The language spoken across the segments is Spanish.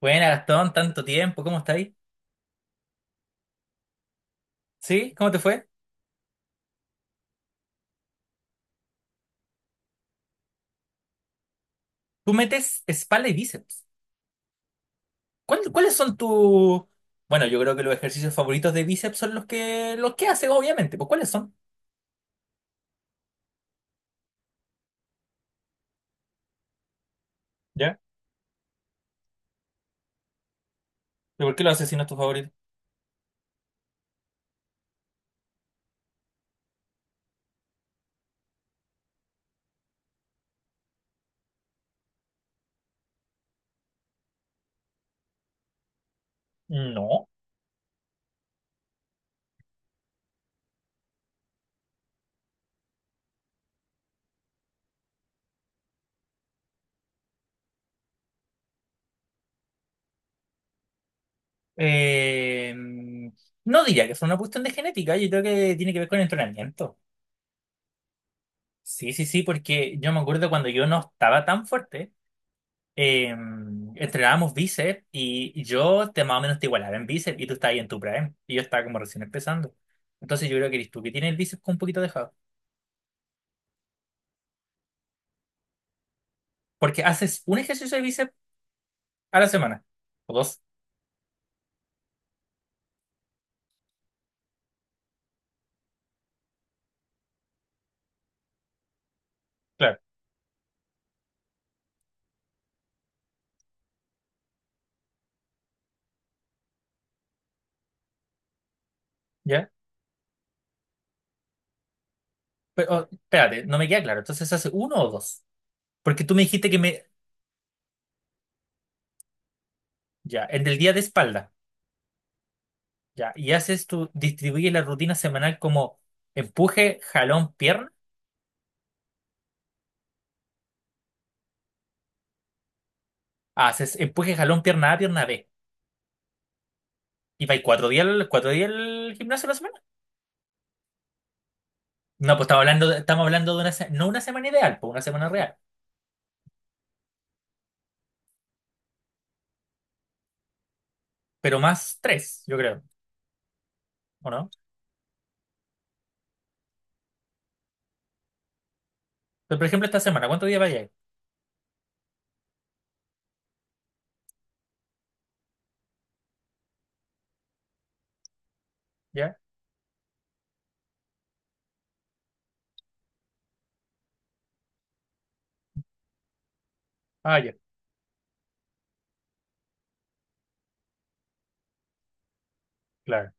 Buena, Gastón, tanto tiempo, ¿cómo estás ahí? ¿Sí? ¿Cómo te fue? Tú metes espalda y bíceps. ¿Cuáles son tus? Bueno, yo creo que los ejercicios favoritos de bíceps son los que haces, obviamente. Pues, ¿cuáles son? ¿Ya? ¿Y por qué los haces si no es tu favorito? No. Eh, no diría que fue una cuestión de genética, yo creo que tiene que ver con el entrenamiento. Sí, sí, sí, porque yo me acuerdo cuando yo no estaba tan fuerte. eh, Entrenábamos bíceps y yo te más o menos te igualaba en bíceps, y tú estabas ahí en tu prime y yo estaba como recién empezando. Entonces yo creo que eres tú que tienes el bíceps con un poquito dejado. Porque haces un ejercicio de bíceps a la semana. O dos, claro. ¿Ya? Pero, oh, espérate, no me queda claro. Entonces haces uno o dos. Porque tú me dijiste que me. Ya, en el del día de espalda. Ya, y haces tu. Distribuyes la rutina semanal como empuje, jalón, pierna. Ah, haces empuje, jalón, pierna A, pierna B. Y vais 4 días, 4 días al gimnasio a la semana. No, pues estamos hablando, estamos hablando de una, no una semana ideal, pues una semana real, pero más tres, yo creo, ¿o no? Pero, por ejemplo, esta semana, ¿cuántos días va a llegar? ¿Ya? Ah, ya, claro,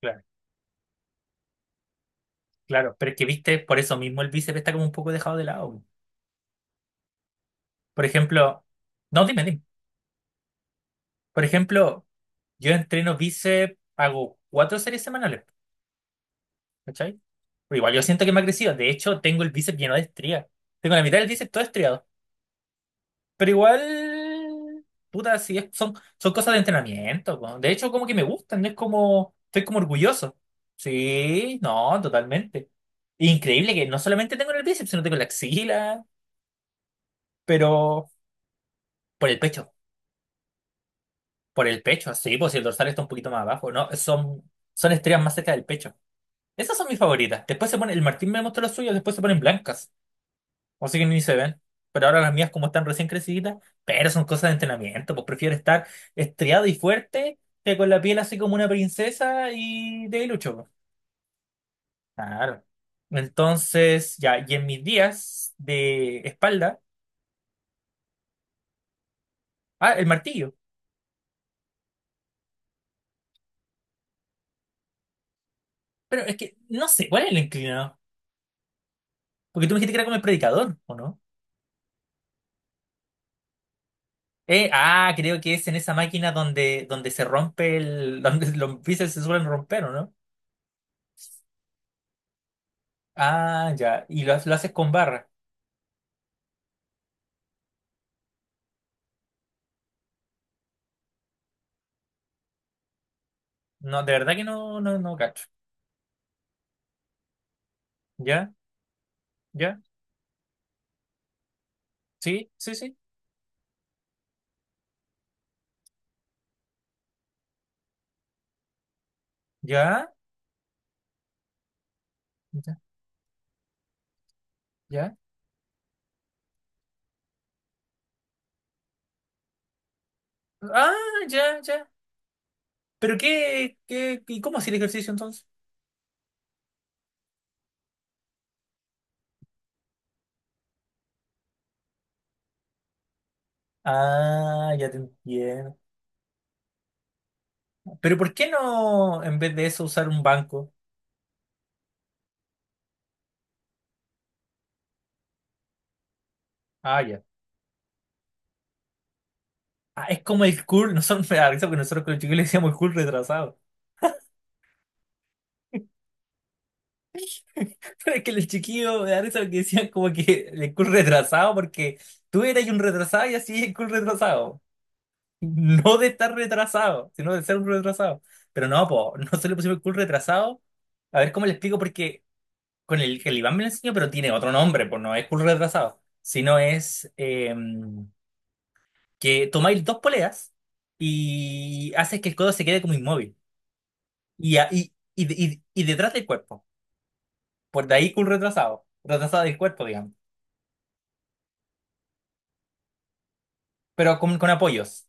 claro, claro. Pero es que, viste, por eso mismo el bíceps está como un poco dejado de lado, pues. Por ejemplo, no, dime, dime. Por ejemplo, yo entreno bíceps, hago 4 series semanales, ¿cachai? Pero igual yo siento que me ha crecido. De hecho, tengo el bíceps lleno de estrías. Tengo la mitad del bíceps todo estriado. Pero igual, puta, sí, son, son cosas de entrenamiento, po. De hecho, como que me gustan, no es como, estoy como orgulloso. Sí, no, totalmente. Increíble que no solamente tengo en el bíceps, sino tengo en la axila, pero por el pecho, por el pecho, sí, pues si el dorsal está un poquito más abajo, ¿no? Son, son estrellas más cerca del pecho. Esas son mis favoritas. Después se pone, el Martín me mostró las suyas, después se ponen blancas. O sea que ni se ven. Pero ahora las mías, como están recién creciditas, pero son cosas de entrenamiento. Pues prefiero estar estriado y fuerte que con la piel así como una princesa y de lucho, pues. Claro. Entonces, ya, y en mis días de espalda. Ah, el martillo. Pero es que no sé, ¿cuál es el inclinado? Porque tú me dijiste que era como el predicador, ¿o no? Creo que es en esa máquina donde, se rompe el donde los bíceps se suelen romper, ¿o no? Ah, ya. Y lo haces con barra. No, de verdad que no, no, no cacho. Ya, ya, sí, sí, sí, ya, ya, ya. Ah, ya, ya. ¿Pero qué, qué, y cómo hacía el ejercicio entonces? Ah, ya te entiendo. Pero ¿por qué no, en vez de eso, usar un banco? Ah, ya. Ah, es como el cool, nosotros me da risa porque nosotros con el chiquillo le decíamos el cool retrasado. Pero es que el chiquillo me da risa porque decían como que el cool retrasado porque tú eras un retrasado y así el cool retrasado. No de estar retrasado, sino de ser un retrasado. Pero no, po, no se le pusimos el cool retrasado. A ver cómo le explico, porque con el que el Iván me lo enseñó, pero tiene otro nombre, pues no es cool retrasado, sino es que tomáis dos poleas y haces que el codo se quede como inmóvil y, y detrás del cuerpo. Por de ahí cool retrasado, retrasado del cuerpo, digamos, pero con apoyos.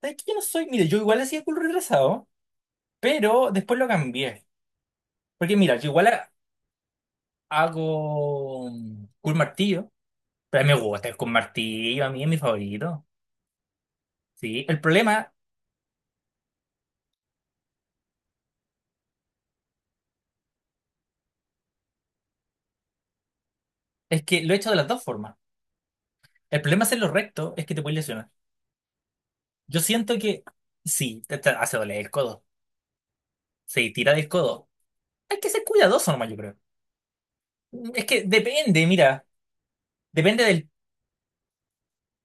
¿Sabes que yo no soy? Mire, yo igual hacía cool retrasado, pero después lo cambié. Porque mira, yo igual hago un martillo. Pero a mí me gusta el con martillo, a mí es mi favorito. Sí, el problema es que lo he hecho de las dos formas. El problema es hacerlo recto, es que te puedes lesionar. Yo siento que sí, te hace doler el codo. Sí, tira del codo. Hay que ser cuidadoso nomás, yo creo. Es que depende, mira, depende del.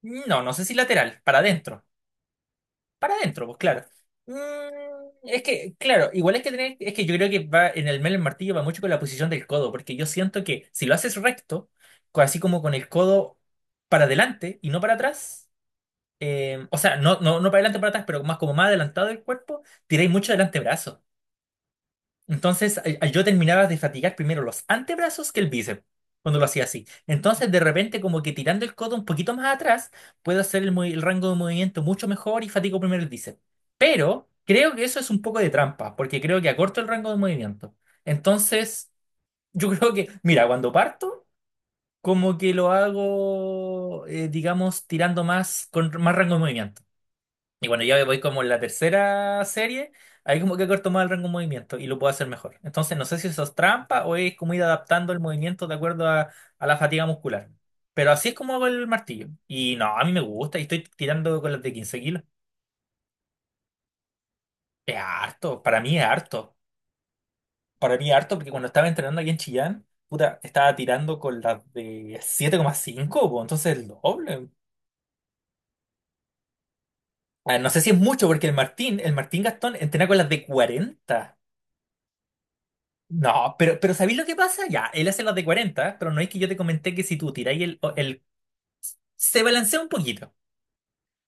No, no sé si lateral, para adentro. Para adentro, pues claro. Mm, es que, claro, igual hay que tener, es que yo creo que va en el mero martillo va mucho con la posición del codo, porque yo siento que si lo haces recto, así como con el codo para adelante y no para atrás, o sea, no, no, no para adelante para atrás, pero más como más adelantado el cuerpo, tiráis mucho del antebrazo. Entonces, yo terminaba de fatigar primero los antebrazos que el bíceps cuando lo hacía así. Entonces, de repente, como que tirando el codo un poquito más atrás, puedo hacer el, el rango de movimiento mucho mejor y fatigo primero el bíceps. Pero creo que eso es un poco de trampa, porque creo que acorto el rango de movimiento. Entonces, yo creo que, mira, cuando parto, como que lo hago, digamos, tirando más con más rango de movimiento. Y bueno, ya voy como en la tercera serie, ahí como que corto más el rango de movimiento y lo puedo hacer mejor. Entonces, no sé si eso es trampa o es como ir adaptando el movimiento de acuerdo a la fatiga muscular. Pero así es como hago el martillo. Y no, a mí me gusta y estoy tirando con las de 15 kilos. Es harto, para mí es harto. Para mí es harto porque cuando estaba entrenando aquí en Chillán, puta, estaba tirando con las de 7,5, po, entonces el doble. Ah, no sé si es mucho porque el Martín Gastón entrena con las de 40. No, pero ¿sabéis lo que pasa? Ya, él hace las de 40 pero no es que yo te comenté que si tú tiráis el, el. Se balancea un poquito.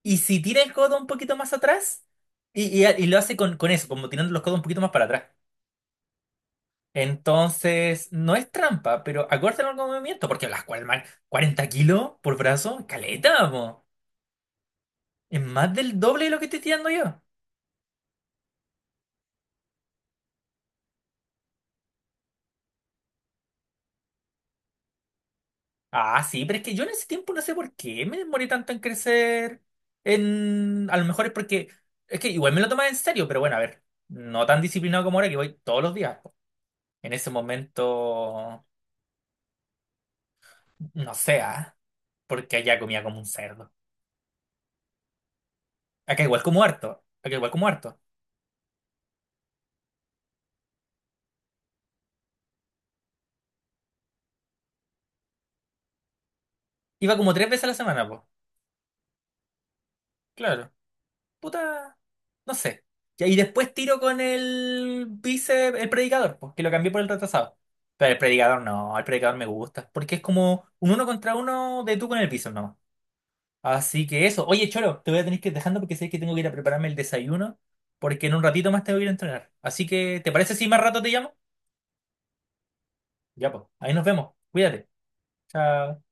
Y si tira el codo un poquito más atrás, y lo hace con eso, como tirando los codos un poquito más para atrás. Entonces, no es trampa, pero acórtalo al movimiento, porque las man, 40 kilos por brazo, caleta, po. Es más del doble de lo que estoy tirando yo. Ah, sí, pero es que yo en ese tiempo no sé por qué me demoré tanto en crecer. En. A lo mejor es porque. Es que igual me lo tomaba en serio, pero bueno, a ver. No tan disciplinado como ahora que voy todos los días, po. En ese momento. No sé, ah, porque allá comía como un cerdo. Acá igual como harto. Acá igual como harto. Iba como 3 veces a la semana, pues. Claro, puta, no sé. Ya, y después tiro con el vice, el predicador, pues, que lo cambié por el retrasado. Pero el predicador no, el predicador me gusta, porque es como un uno contra uno de tú con el piso no. Así que eso. Oye, Cholo, te voy a tener que ir dejando porque sé que tengo que ir a prepararme el desayuno, porque en un ratito más tengo que ir a entrenar. Así que, ¿te parece si más rato te llamo? Ya, pues, ahí nos vemos. Cuídate. Chao.